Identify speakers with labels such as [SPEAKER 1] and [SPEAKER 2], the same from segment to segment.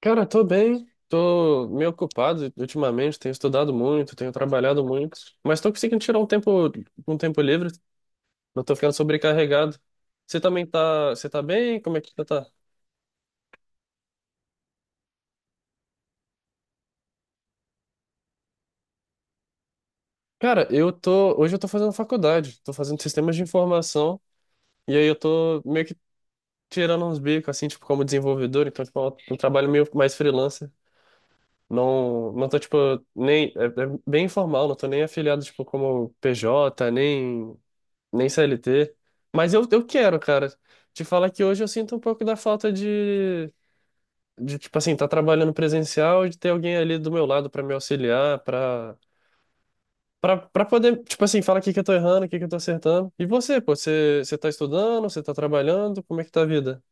[SPEAKER 1] Cara, tô bem, tô meio ocupado ultimamente, tenho estudado muito, tenho trabalhado muito, mas tô conseguindo tirar um tempo livre, não tô ficando sobrecarregado. Você tá bem? Como é que você tá? Cara, hoje eu tô fazendo faculdade, tô fazendo sistemas de informação, e aí eu tô meio que tirando uns bicos, assim, tipo, como desenvolvedor, então, tipo, é um trabalho meio mais freelancer. Não, não tô, tipo, nem, é bem informal, não tô nem afiliado, tipo, como PJ, nem CLT. Mas eu quero, cara. Te falar que hoje eu sinto um pouco da falta de tipo assim, tá trabalhando presencial, de ter alguém ali do meu lado pra me auxiliar, pra para para poder, tipo assim, falar o que que eu tô errando, o que que eu tô acertando. E você, pô, você tá estudando, você tá trabalhando, como é que tá a vida?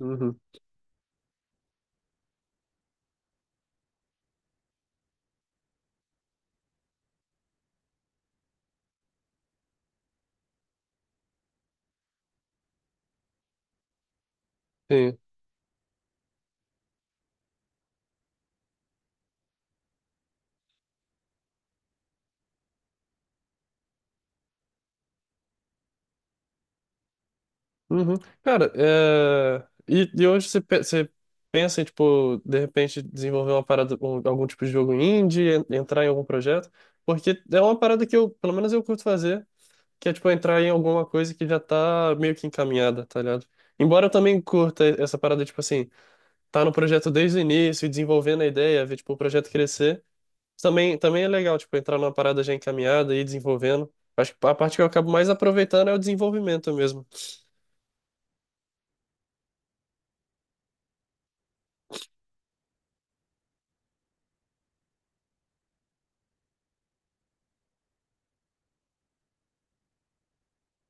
[SPEAKER 1] Uhum. Sim. Uhum. Cara, e hoje você pensa em, tipo, de repente desenvolver uma parada, algum tipo de jogo indie, entrar em algum projeto? Porque é uma parada que eu, pelo menos eu curto fazer, que é, tipo, entrar em alguma coisa que já tá meio que encaminhada, tá ligado? Embora eu também curta essa parada, tipo assim, tá no projeto desde o início, e desenvolvendo a ideia, ver, tipo, o projeto crescer, também é legal, tipo, entrar numa parada já encaminhada e ir desenvolvendo. Acho que a parte que eu acabo mais aproveitando é o desenvolvimento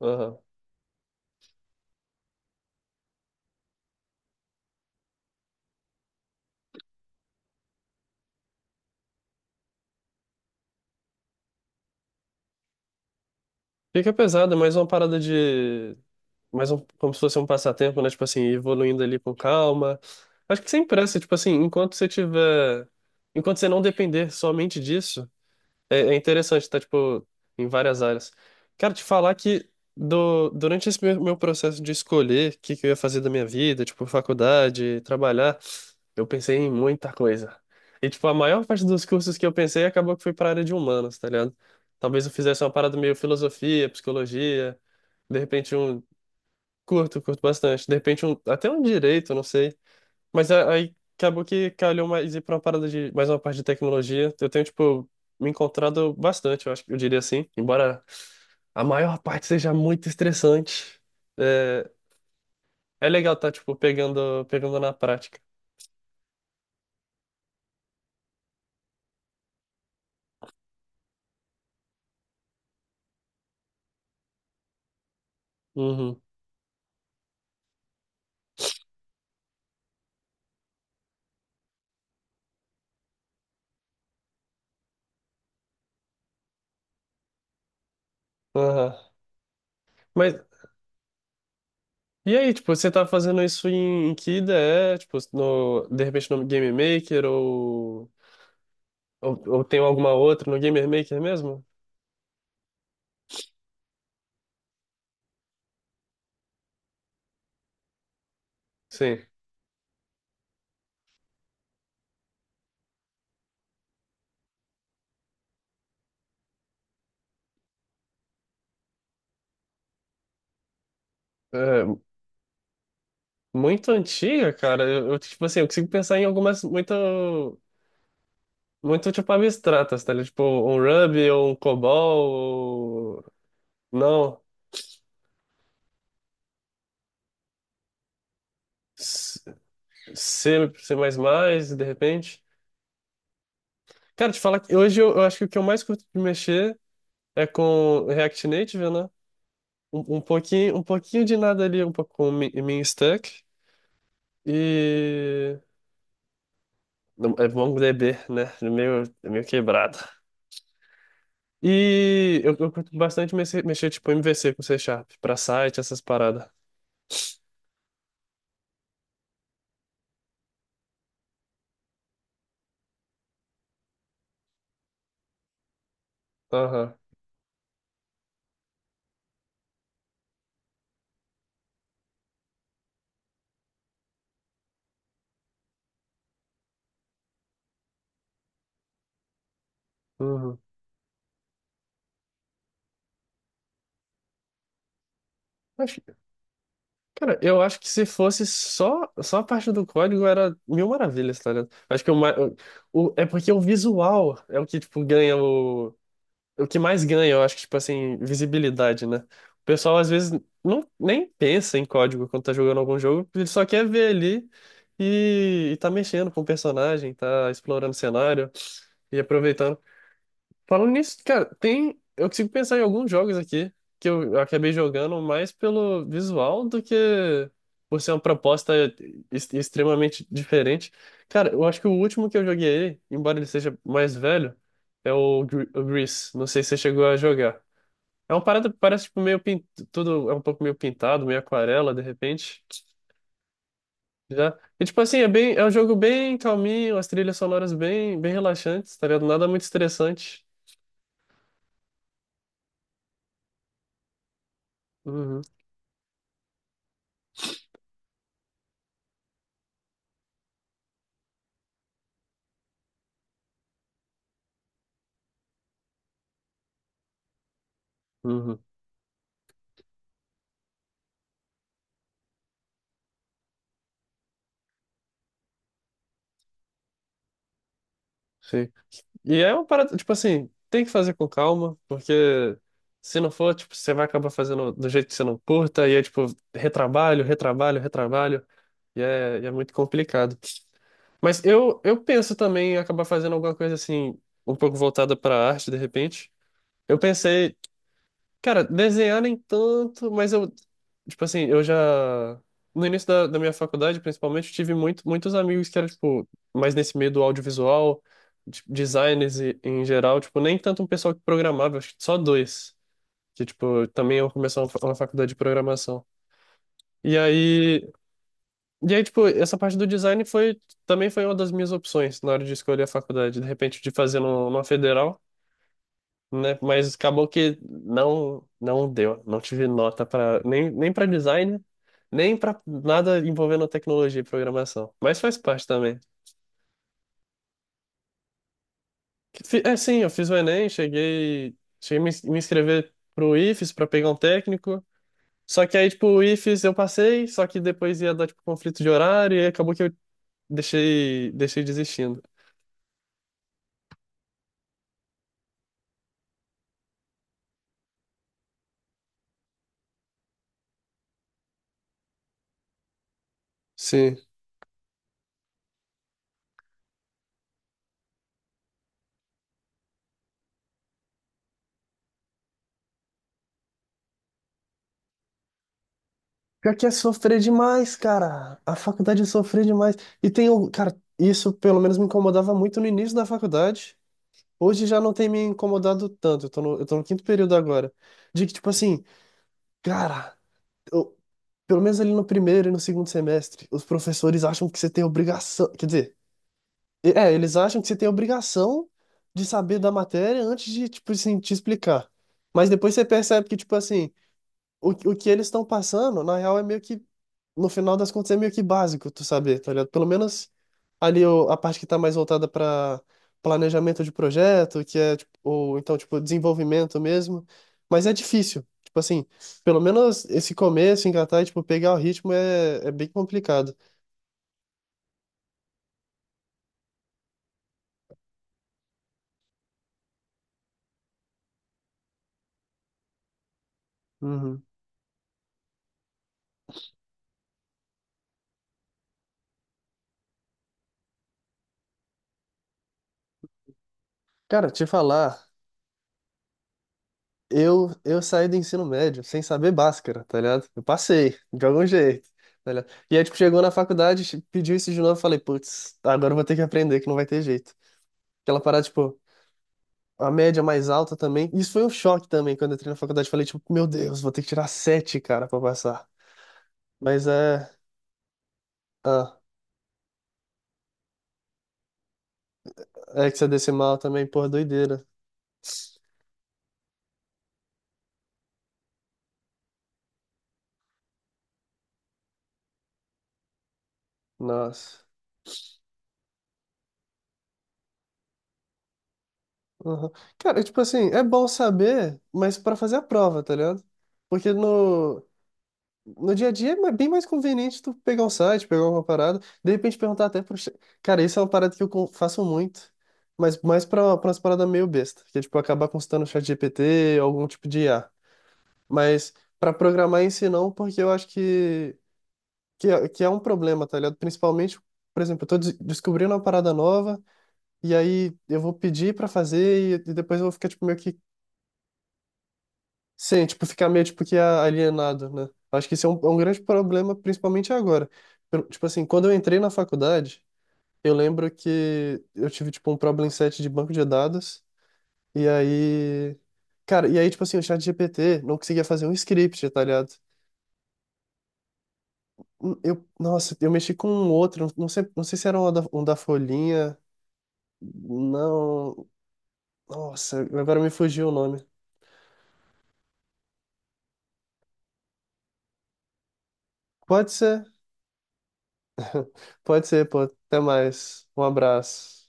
[SPEAKER 1] mesmo. Fica pesado, é mais uma parada de. Mais um, como se fosse um passatempo, né? Tipo assim, evoluindo ali com calma. Acho que sem pressa, tipo assim, enquanto você tiver. Enquanto você não depender somente disso, é interessante, tá? Tipo, em várias áreas. Quero te falar que durante esse meu processo de escolher o que, que eu ia fazer da minha vida, tipo, faculdade, trabalhar, eu pensei em muita coisa. E, tipo, a maior parte dos cursos que eu pensei acabou que foi pra área de humanas, tá ligado? Talvez eu fizesse uma parada meio filosofia, psicologia, de repente um. Curto bastante. De repente até um direito, não sei. Mas aí acabou que calhou mais ir pra uma parada de. Mais uma parte de tecnologia. Eu tenho, tipo, me encontrado bastante, eu acho que eu diria assim. Embora a maior parte seja muito estressante, é, é legal tá, tipo, pegando na prática. Uhum. Aham. Mas E aí, tipo, você tá fazendo isso em que ideia? Tipo, no, de repente no Game Maker ou tem alguma outra no Game Maker mesmo? Sim. É, muito antiga, cara. Tipo assim, eu consigo pensar em algumas muito, muito tipo abstratas, tá ligado? Tipo, um Ruby ou um COBOL ou... Não. C, C++, de repente. Cara, te falar que hoje eu acho que o que eu mais curto de mexer é com React Native, né? Um pouquinho, um pouquinho de nada ali, um pouco com Mean Stuck e não, é MongoDB, né? É meio quebrado. E eu curto bastante mexer tipo MVC com C# pra site, essas paradas. Aham. Uhum. Acho- Cara, eu acho que se fosse só a parte do código era mil maravilhas, tá ligado? Acho que é porque o visual é o que mais ganha, eu acho que, tipo assim, visibilidade, né? O pessoal às vezes não, nem pensa em código quando tá jogando algum jogo, ele só quer ver ali e tá mexendo com o personagem, tá explorando o cenário e aproveitando. Falando nisso, cara, tem. Eu consigo pensar em alguns jogos aqui que eu acabei jogando mais pelo visual do que por ser uma proposta extremamente diferente. Cara, eu acho que o último que eu joguei, embora ele seja mais velho, é o Grease. Não sei se você chegou a jogar. É uma parada que parece tipo, meio tudo é um pouco meio pintado, meio aquarela, de repente. Já. E tipo assim, é um jogo bem calminho, as trilhas sonoras bem, bem relaxantes, tá ligado? Nada muito estressante. Uhum, uhum. Sim. E é uma parada, tipo assim, tem que fazer com calma, porque se não for, tipo, você vai acabar fazendo do jeito que você não curta, e é tipo, retrabalho, retrabalho, retrabalho, e é muito complicado. Mas eu penso também em acabar fazendo alguma coisa assim, um pouco voltada para arte, de repente. Eu pensei, Cara, desenhar nem tanto, mas eu, tipo assim, eu já. No início da minha faculdade, principalmente, eu tive muitos amigos que eram, tipo, mais nesse meio do audiovisual, designers em geral, tipo, nem tanto um pessoal que programava, acho que só dois. Que, tipo, também eu comecei uma faculdade de programação. E aí, e aí, tipo, essa parte do design foi, também foi uma das minhas opções na hora de escolher a faculdade. De repente, de fazer numa federal, né? Mas acabou que não deu, não tive nota para nem para design, nem para nada envolvendo tecnologia e programação. Mas faz parte também. É, sim, eu fiz o Enem, cheguei a me inscrever pro IFES para pegar um técnico. Só que aí tipo o IFES eu passei, só que depois ia dar tipo conflito de horário e acabou que eu deixei desistindo. Sim. Pior que é sofrer demais, cara. A faculdade é sofrer demais. E tem o. Cara, isso pelo menos me incomodava muito no início da faculdade. Hoje já não tem me incomodado tanto. Eu tô no quinto período agora. De que, tipo assim, cara, eu- pelo menos ali no primeiro e no segundo semestre, os professores acham que você tem obrigação. Quer dizer, eles acham que você tem obrigação de saber da matéria antes de, tipo assim, te explicar. Mas depois você percebe que, tipo assim, o que eles estão passando, na real, é meio que no final das contas é meio que básico tu saber, tá ligado? Pelo menos ali a parte que tá mais voltada para planejamento de projeto, que é, tipo, ou então, tipo, desenvolvimento mesmo. Mas é difícil. Tipo assim, pelo menos esse começo, engatar e, tipo, pegar o ritmo é bem complicado. Uhum. Cara, te falar, eu saí do ensino médio sem saber Bhaskara, tá ligado? Eu passei, de algum jeito. Tá ligado? E aí, tipo, chegou na faculdade, pediu isso de novo, eu falei, putz, agora eu vou ter que aprender, que não vai ter jeito. Aquela parada, tipo, a média mais alta também. Isso foi um choque também quando eu entrei na faculdade. Falei, tipo, meu Deus, vou ter que tirar sete, cara, pra passar. Mas é. Ah, hexadecimal também, porra, doideira. Nossa. Aham. Cara, tipo assim, é bom saber, mas pra fazer a prova, tá ligado? Porque no dia a dia é bem mais conveniente tu pegar um site, pegar uma parada, de repente perguntar até pro. Cara, isso é uma parada que eu faço muito. Mas mais pra umas paradas meio besta, que é tipo acabar consultando o chat GPT, algum tipo de IA. Mas para programar em si não, porque eu acho que, que é um problema, tá ligado? Principalmente, por exemplo, eu tô descobrindo uma parada nova e aí eu vou pedir para fazer e depois eu vou ficar tipo meio que sem, tipo, ficar meio tipo que alienado, né? Acho que isso é um, grande problema, principalmente agora. Tipo assim, quando eu entrei na faculdade, eu lembro que eu tive tipo um problem set de banco de dados e aí, cara, e aí tipo assim, o chat GPT não conseguia fazer um script, tá ligado? Nossa, eu mexi com um outro, não sei se era um da Folhinha, não, nossa, agora me fugiu o nome. Pode ser, pode ser, pô, até mais, um abraço.